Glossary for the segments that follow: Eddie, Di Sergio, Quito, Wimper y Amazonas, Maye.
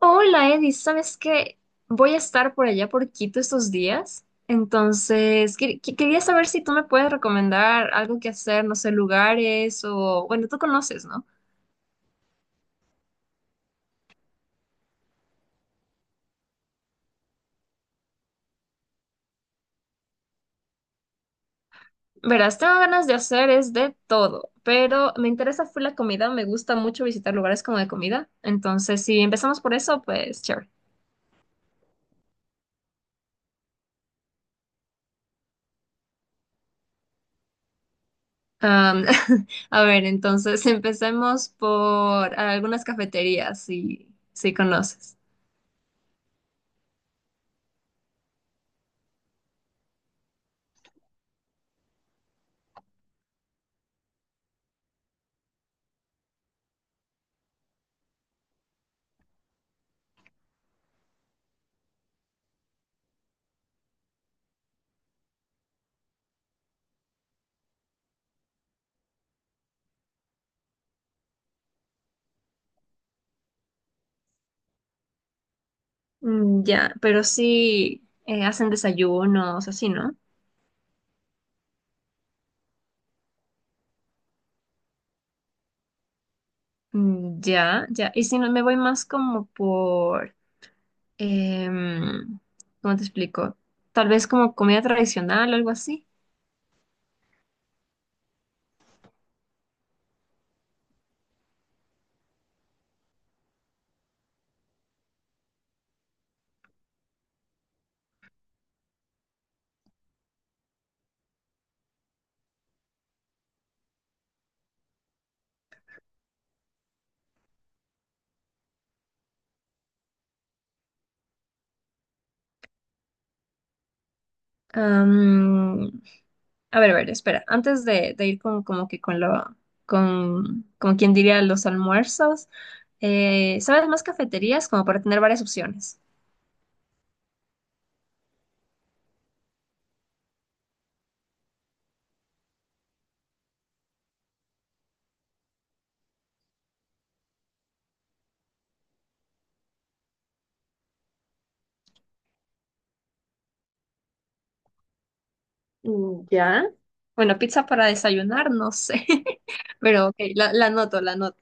Hola Eddie, ¿sabes qué? Voy a estar por allá por Quito estos días, entonces quería saber si tú me puedes recomendar algo que hacer, no sé, lugares o, bueno, tú conoces, ¿no? Verás, tengo ganas de hacer es de todo, pero me interesa fue la comida, me gusta mucho visitar lugares como de comida, entonces si empezamos por eso, pues chévere. Am, a ver, entonces empecemos por algunas cafeterías, si conoces. Mm, ya, pero sí hacen desayunos, así, ¿no? Mm, ya, ya. Y si no, me voy más como por, em, ¿cómo te explico? Tal vez como comida tradicional o algo así. Am, a ver, espera. Antes de ir con, como que con lo, con, como quien diría los almuerzos, ¿sabes más cafeterías? Como para tener varias opciones. Mm, ya. Bueno, pizza para desayunar, no sé, pero ok, la anoto, la anoto.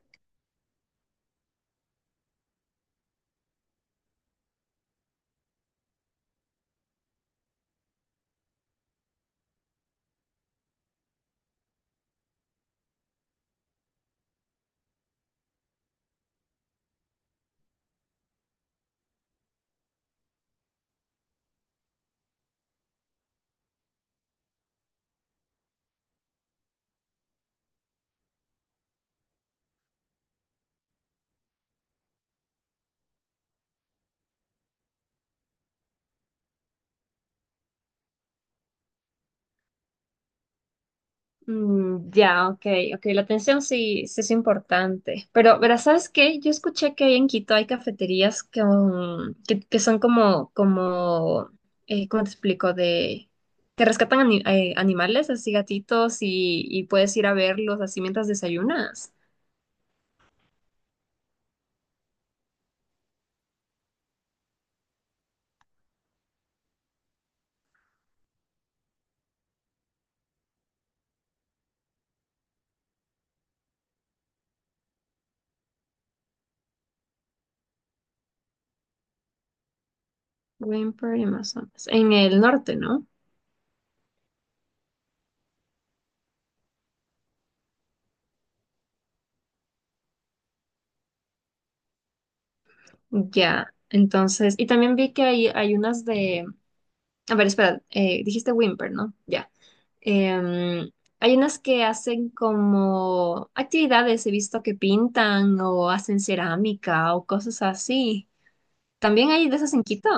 Mm, ya, ok, ok, la atención sí, sí es importante. Pero, verás, ¿sabes qué? Yo escuché que ahí en Quito hay cafeterías que son como, ¿cómo te explico? De, que rescatan animales, así gatitos, y puedes ir a verlos así mientras desayunas. Wimper y Amazonas. En el norte, ¿no? Ya, entonces, y también vi que hay unas de. A ver, espera, dijiste Whimper, ¿no? Ya. Em, hay unas que hacen como actividades, he visto que pintan o hacen cerámica o cosas así. También hay de esas en Quito.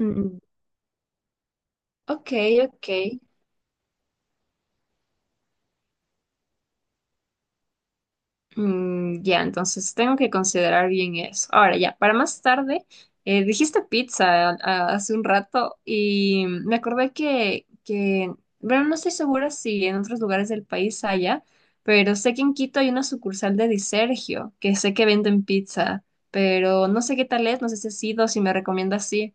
Mm, ok, ok. Mm, ya, entonces tengo que considerar bien eso. Ahora, ya, para más tarde, dijiste pizza hace un rato y me acordé que, bueno, no estoy segura si en otros lugares del país haya, pero sé que en Quito hay una sucursal de Di Sergio, que sé que venden pizza, pero no sé qué tal es, no sé si has ido, si me recomienda así.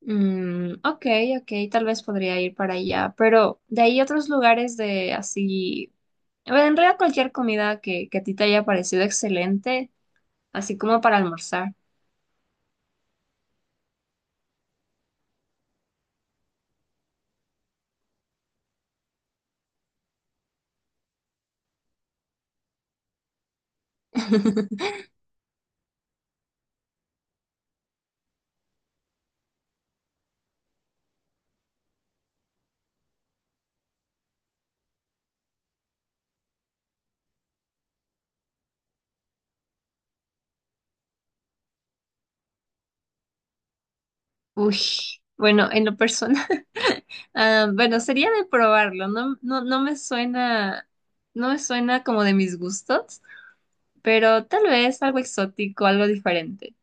Mm, ok, ok, tal vez podría ir para allá, pero de ahí otros lugares de así a en realidad cualquier comida que a ti te haya parecido excelente, así como para almorzar. Uy, bueno, en lo personal, ah, bueno, sería de probarlo. No, no, no me suena, no me suena como de mis gustos, pero tal vez algo exótico, algo diferente.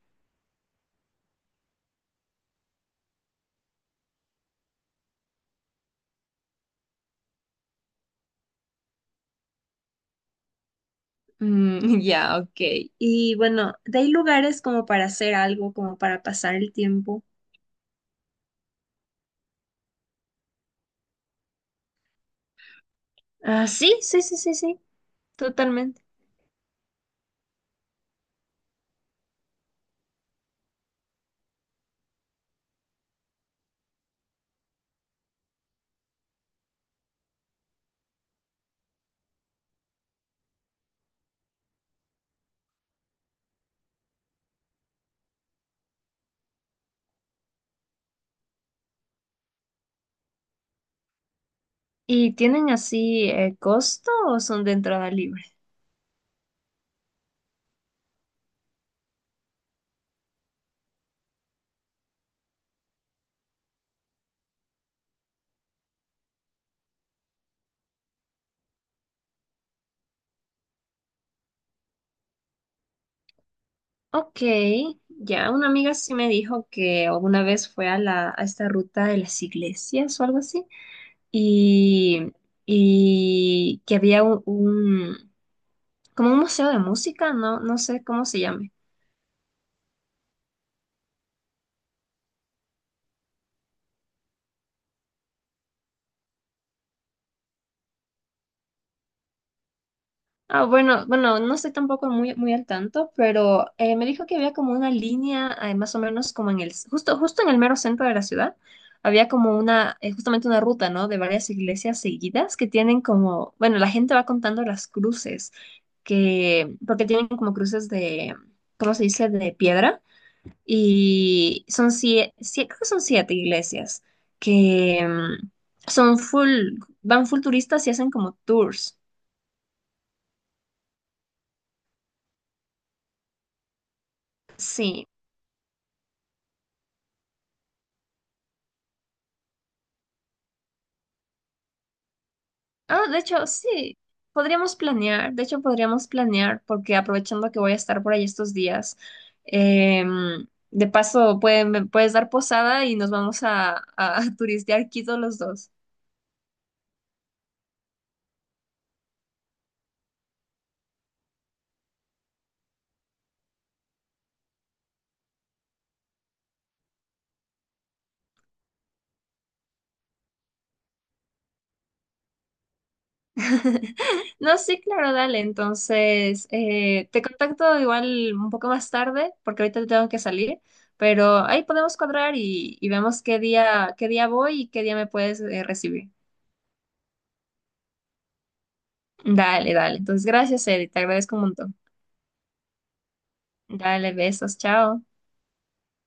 Mm, ya, ok. Y bueno, ¿de ahí lugares como para hacer algo, como para pasar el tiempo? Ah, sí, sí, sí, sí, sí, totalmente. ¿Y tienen así costo o son de entrada libre? Ok, ya una amiga sí me dijo que alguna vez fue a a esta ruta de las iglesias o algo así, y, y que había como un museo de música, no, no sé cómo se llame. Ah, bueno, bueno, no estoy tampoco muy, muy al tanto, pero me dijo que había como una línea, más o menos como en el, justo, justo en el mero centro de la ciudad, había como una, justamente una ruta, ¿no? De varias iglesias seguidas que tienen como, bueno, la gente va contando las cruces, que, porque tienen como cruces de, ¿cómo se dice? De piedra, y son siete, creo que son siete iglesias, que son full, van full turistas y hacen como tours. Sí, ah, de hecho, sí, podríamos planear, de hecho podríamos planear porque aprovechando que voy a estar por ahí estos días, de paso me puedes dar posada y nos vamos a, turistear Quito los dos. No, sí, claro, dale, entonces te contacto igual un poco más tarde porque ahorita tengo que salir, pero ahí podemos cuadrar y vemos qué día voy y qué día me puedes recibir. Dale, dale, entonces gracias, Eddie, te agradezco un montón. Dale, besos, chao.